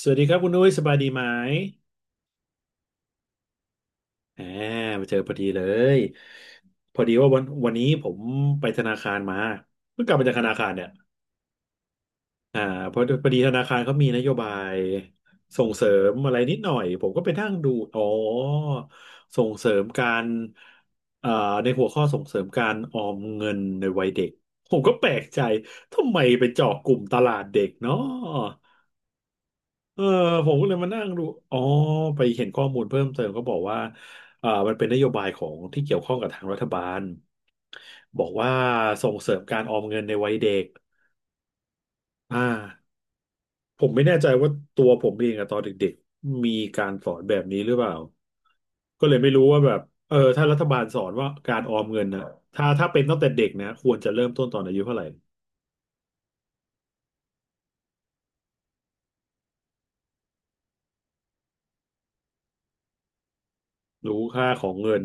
สวัสดีครับคุณนุ้ยสบายดีไหมอ่ามาเจอพอดีเลยพอดีว่าวันนี้ผมไปธนาคารมาเพิ่งกลับมาจากธนาคารเนี่ยอ่าพอดีธนาคารเขามีนโยบายส่งเสริมอะไรนิดหน่อยผมก็ไปนั่งดูอ๋อส่งเสริมการเอ่าในหัวข้อส่งเสริมการออมเงินในวัยเด็กผมก็แปลกใจทำไมไปเจาะกลุ่มตลาดเด็กเนาะ เออผมก็เลยมานั่งดูอ๋อไปเห็นข้อมูลเพิ่มเติมก็บอกว่ามันเป็นนโยบายของที่เกี่ยวข้องกับทางรัฐบาลบอกว่าส่งเสริมการออมเงินในวัยเด็กอ่าผมไม่แน่ใจว่าตัวผมเองอะตอนเด็กๆมีการสอนแบบนี้หรือเปล่าก็เลยไม่รู้ว่าแบบเออถ้ารัฐบาลสอนว่าการออมเงินนะถ้าเป็นตั้งแต่เด็กนะควรจะเริ่มต้นตอนอายุเท่าไหร่รู้ค่าของเงิน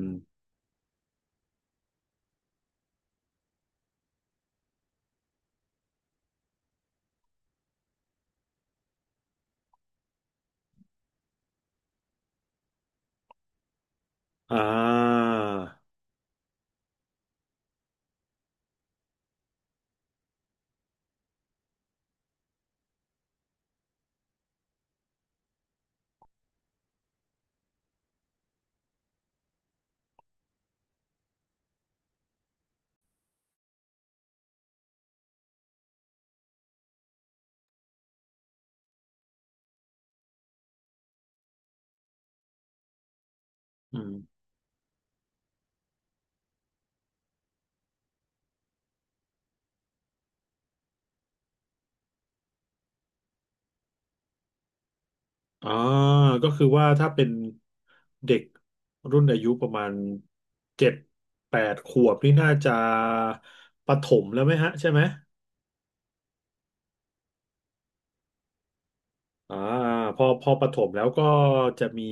อ่าอืม อ่าก็คือว่าถ้าเป็นเด็กรุ่นอายุประมาณเจ็ดแปดขวบนี่น่าจะประถมแล้วไหมฮะใช่ไหม อ่าพอประถมแล้วก็จะมี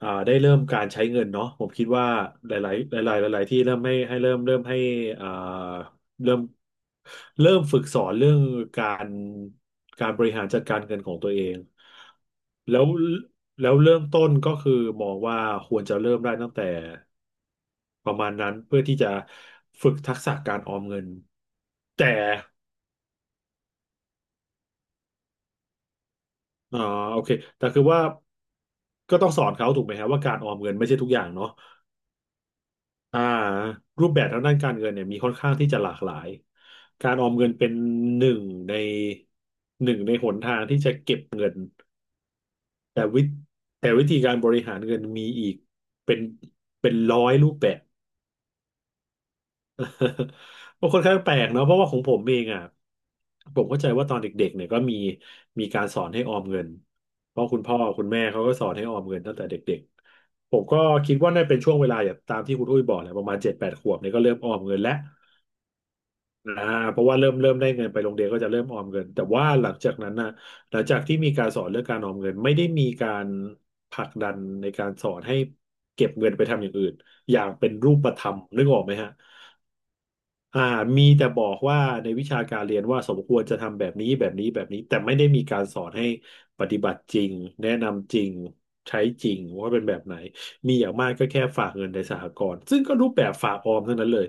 ได้เริ่มการใช้เงินเนาะผมคิดว่าหลายๆหลายๆหลายๆที่เริ่มให้เริ่มให้อ่าเริ่มเริ่มฝึกสอนเรื่องการการบริหารจัดการเงินของตัวเองแล้วแล้วเริ่มต้นก็คือมองว่าควรจะเริ่มได้ตั้งแต่ประมาณนั้นเพื่อที่จะฝึกทักษะการออมเงินแต่ อ่าโอเคแต่คือว่าก็ต้องสอนเขาถูกไหมฮะว่าการออมเงินไม่ใช่ทุกอย่างเนาะอ่ารูปแบบทางด้านการเงินเนี่ยมีค่อนข้างที่จะหลากหลายการออมเงินเป็นหนึ่งในหนึ่งในหนทางที่จะเก็บเงินแต่วิแต่วิธีการบริหารเงินมีอีกเป็นเป็นร้อยรูปแบบ ก็ค่อนข้างแปลกเนาะเพราะว่าของผมเองอ่ะผมเข้าใจว่าตอนเด็กๆเนี่ยก็มีมีการสอนให้ออมเงินเพราะคุณพ่อคุณแม่เขาก็สอนให้ออมเงินตั้งแต่เด็กๆผมก็คิดว่าน่าเป็นช่วงเวลาอย่างตามที่คุณอุ้ยบอกแหละประมาณเจ็ดแปดขวบเนี่ยก็เริ่มออมเงินแล้วนะเพราะว่าเริ่มได้เงินไปโรงเรียนก็จะเริ่มออมเงินแต่ว่าหลังจากนั้นนะหลังจากที่มีการสอนเรื่องการออมเงินไม่ได้มีการผลักดันในการสอนให้เก็บเงินไปทำอย่างอื่นอย่างเป็นรูปธรรมนึกออกไหมฮะ อ่ามีแต่บอกว่าในวิชาการเรียนว่าสมควรจะทำแบบนี้แบบนี้แบบนี้แต่ไม่ได้มีการสอนให้ปฏิบัติจริงแนะนำจริงใช้จริงว่าเป็นแบบไหนมีอย่างมากก็แค่ฝากเงินในสหกรณ์ซึ่งก็รูปแบบฝากออมเท่านั้นเลย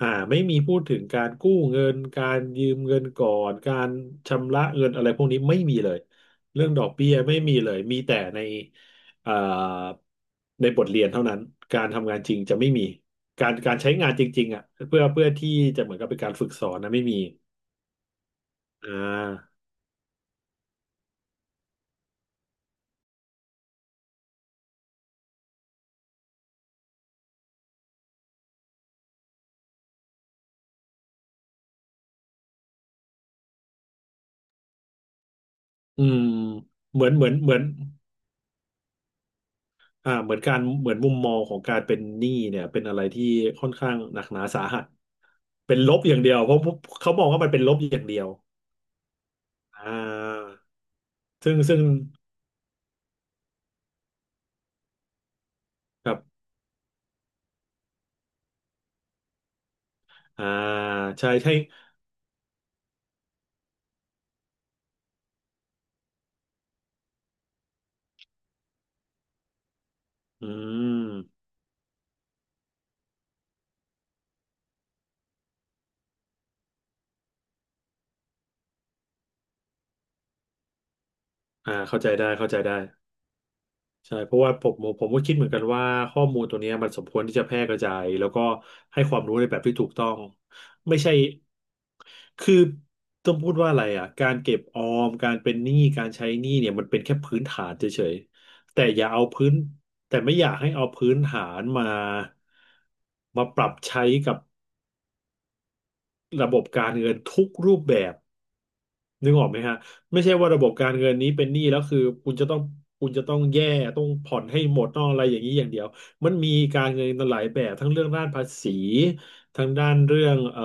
ไม่มีพูดถึงการกู้เงินการยืมเงินก่อนการชำระเงินอะไรพวกนี้ไม่มีเลยเรื่องดอกเบี้ยไม่มีเลยมีแต่ในอ่าในบทเรียนเท่านั้นการทำงานจริงจะไม่มี การใช้งานจริงๆอ่ะเพื่อที่จะเหมือนกับเป็นการฝึกสอนนะไม่มีอ่าอืมเหมือนเหมือนการเหมือนมุมมองของการเป็นหนี้เนี่ยเป็นอะไรที่ค่อนข้างหนักหนาสาหัสเป็นลบอย่างเดียวเพราะเขามองว่ามันเป็นลบอย่างเดียวอ่าซึ่งครับอ่าใช่ใช่อืมเข้าใจได้เข้าใจได้ ใช่เพราะว่าผมก็คิดเหมือนกันว่าข้อมูลตัวเนี้ยมันสมควรที่จะแพร่กระจายแล้วก็ให้ความรู้ในแบบที่ถูกต้องไม่ใช่คือต้องพูดว่าอะไรอ่ะการเก็บออมการเป็นหนี้การใช้หนี้เนี่ยมันเป็นแค่พื้นฐานเฉยๆแต่อย่าเอาพื้นแต่ไม่อยากให้เอาพื้นฐานมาปรับใช้กับระบบการเงินทุกรูปแบบ นึกออกไหมฮะไม่ใช่ว่าระบบการเงินนี้เป็นหนี้แล้วคือคุณจะต้องคุณจะต้องต้องผ่อนให้หมดต้องอะไรอย่างนี้อย่างเดียวมันมีการเงินหลายแบบทั้งเรื่องด้านภาษีทั้งด้านเรื่อง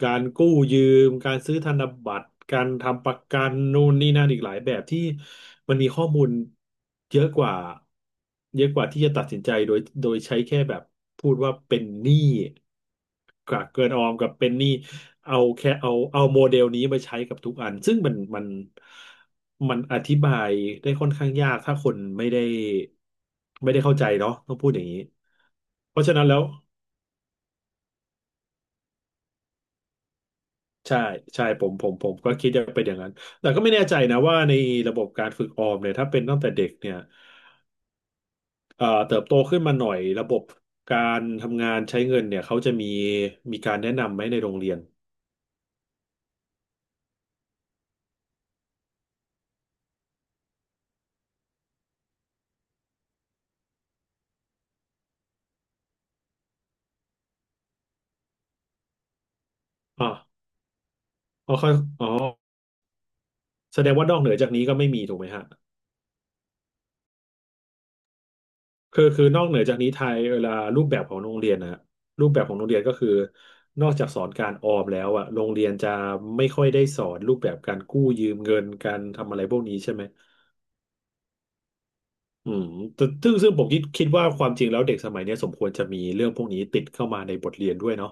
การกู้ยืมการซื้อธนบัตรการทำประกันนู่นนี่นั่นอีกหลายแบบที่มันมีข้อมูลเยอะกว่าเยอะกว่าที่จะตัดสินใจโดยใช้แค่แบบพูดว่าเป็นหนี้กับเกินออมกับเป็นหนี้ เอาแค่เอาโมเดลนี้มาใช้กับทุกอันซึ่งมันมันอธิบายได้ค่อนข้างยากถ้าคนไม่ได้ไม่ได้เข้าใจเนาะต้องพูดอย่างนี้เพราะฉะนั้นแล้วใช่ใช่ผมก็คิดจะเป็นอย่างนั้นแต่ก็ไม่แน่ใจนะว่าในระบบการฝึกออมเนี่ยถ้าเป็นตั้งแต่เด็กเนี่ยเติบโตขึ้นมาหน่อยระบบการทำงานใช้เงินเนี่ยเขาจะมีการแนะนำไหมในโรงเรียนอ๋ออ๋อเขาอ๋อแสดงว่านอกเหนือจากนี้ก็ไม่มีถูกไหมฮะ คือนอกเหนือจากนี้ไทยเวลารูปแบบของโรงเรียนนะรูปแบบของโรงเรียนก็คือนอกจากสอนการออมแล้วอะโรงเรียนจะไม่ค่อยได้สอนรูปแบบการกู้ยืมเงินการทำอะไรพวกนี้ใช่ไหมอืมแต่ซึ่งผมคิดว่าความจริงแล้วเด็กสมัยเนี้ยสมควรจะมีเรื่องพวกนี้ติดเข้ามาในบทเรียนด้วยเนาะ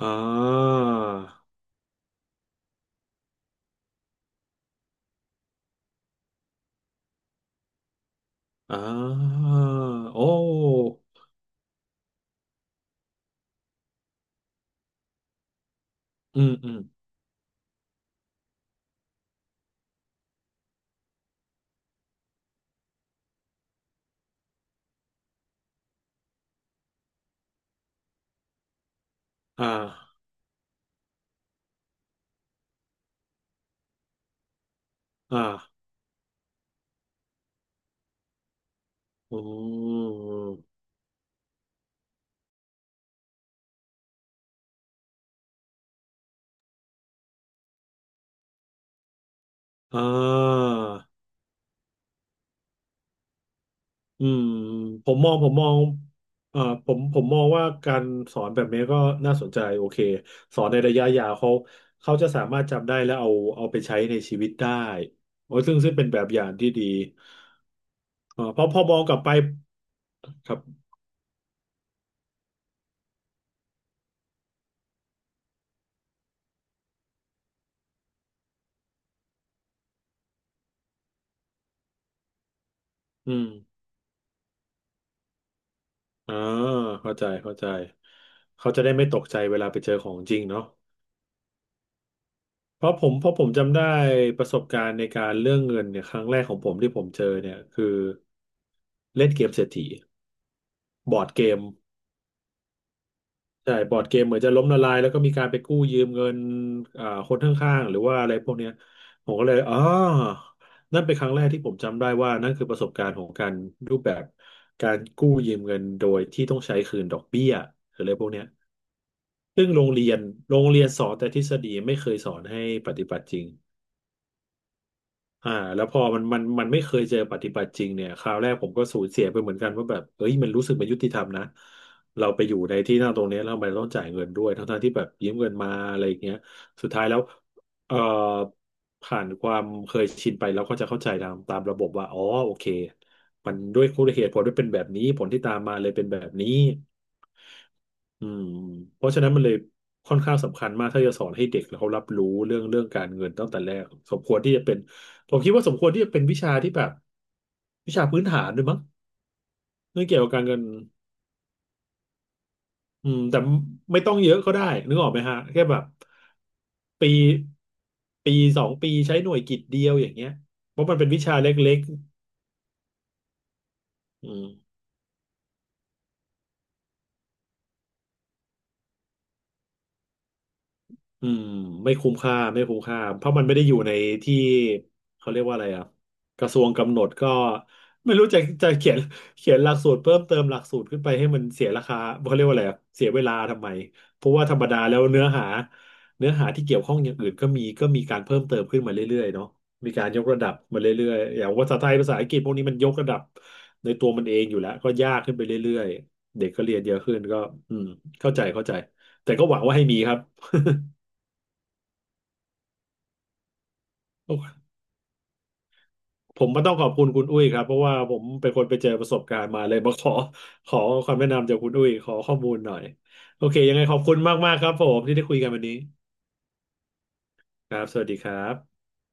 อ่าอ่าโอ้อืมอืมอ่าอ่าอืมอ่า อืมผมมองผมมองว่าการสอนแบบนี้ก็น่าสนใจโอเคสอนในระยะยาวเขาเขาจะสามารถจำได้และเอาเอาไปใช้ในชีวิตได้โอ้ยซึ่งเป็นแบบอย่างที่ดีเออเพราะพอมองกลับไปครับอืมอ่าเข้าใจเข้าใจเขาจะได้ไม่ตกใจเวลาไปเจอของจริงเนาะเพราะผมจำได้ประสบการณ์ในการเรื่องเงินเนี่ยครั้งแรกของผมที่ผมเจอเนี่ยคือเล่นเกมเศรษฐี บอร์ดเกมใช่บอร์ดเกมเหมือนจะล้มละลายแล้วก็มีการไปกู้ยืมเงินอ่าคนข้างๆหรือว่าอะไรพวกเนี้ยผมก็เลยอ๋อนั่นเป็นครั้งแรกที่ผมจำได้ว่านั่นคือประสบการณ์ของการรูปแบบการกู้ยืมเงินโดยที่ต้องใช้คืนดอกเบี้ยหรืออะไรพวกเนี้ยซึ่งโรงเรียนสอนแต่ทฤษฎีไม่เคยสอนให้ปฏิบัติจริง อ่าแล้วพอมันไม่เคยเจอปฏิบัติจริงเนี่ยคราวแรกผมก็สูญเสียไปเหมือนกันว่าแบบเอ้ยมันรู้สึกไม่ยุติธรรมนะเราไปอยู่ในที่นั่งตรงเนี้ยแล้วทำไมต้องจ่ายเงินด้วยทั้งๆที่แบบยืมเงินมาอะไรอย่างเงี้ยสุดท้ายแล้วเอ่อผ่านความเคยชินไปแล้วก็จะเข้าใจตามระบบว่าอ๋อโอเคมันด้วยคุณเหตุผลด้วยเป็นแบบนี้ผลที่ตามมาเลยเป็นแบบนี้ อืมเพราะฉะนั้นมันเลยค่อนข้างสำคัญมากถ้าจะสอนให้เด็กแล้วเขารับรู้เรื่องการเงินตั้งแต่แรกสมควรที่จะเป็นผมคิดว่าสมควรที่จะเป็นวิชาที่แบบวิชาพื้นฐานด้วยมั้งเรื่องเกี่ยวกับการเงินอืมแต่ไม่ต้องเยอะก็ได้นึกออกไหมฮะแค่แบบปีปีสองปีใช้หน่วยกิตเดียวอย่างเงี้ยเพราะมันเป็นวิชาเล็กๆอืม อืมไม่คุ้มค่าเพราะมันไม่ได้อยู่ในที่เขาเรียกว่าอะไรอ่ะกระทรวงกำหนดก็ไม่รู้จะ จะเขียนหลักสูตรเพิ่มเติมหลักสูตรขึ้นไปให้มันเสียราคาเขาเรียกว่าอะไรอ่ะเสียเวลาทำไมเพราะว่าธรรมดาแล้วเนื้อหาที่เกี่ยวข้องอย่างอื่นก็มีก็มีการเพิ่มเติมขึ้นมาเรื่อยๆเนาะมีการยกระดับมาเรื่อยๆอย่างภาษาไทยภาษาอังกฤษพวกนี้มันยกระดับในตัวมันเองอยู่แล้วก็ยากขึ้นไปเรื่อยๆเด็กก็เรียนเยอะขึ้นก็อืมเข้าใจเข้าใจแต่ก็หวังว่าให้มีครับ ผมก็ต้องขอบคุณคุณอุ้ยครับเพราะว่าผมเป็นคนไปเจอประสบการณ์มาเลยมาขอความแนะนำจากคุณอุ้ยขอข้อมูลหน่อยโอเคยังไงขอบคุณมากๆครับผมที่ได้คุยกันวันนี้ครับสวัสดีครับ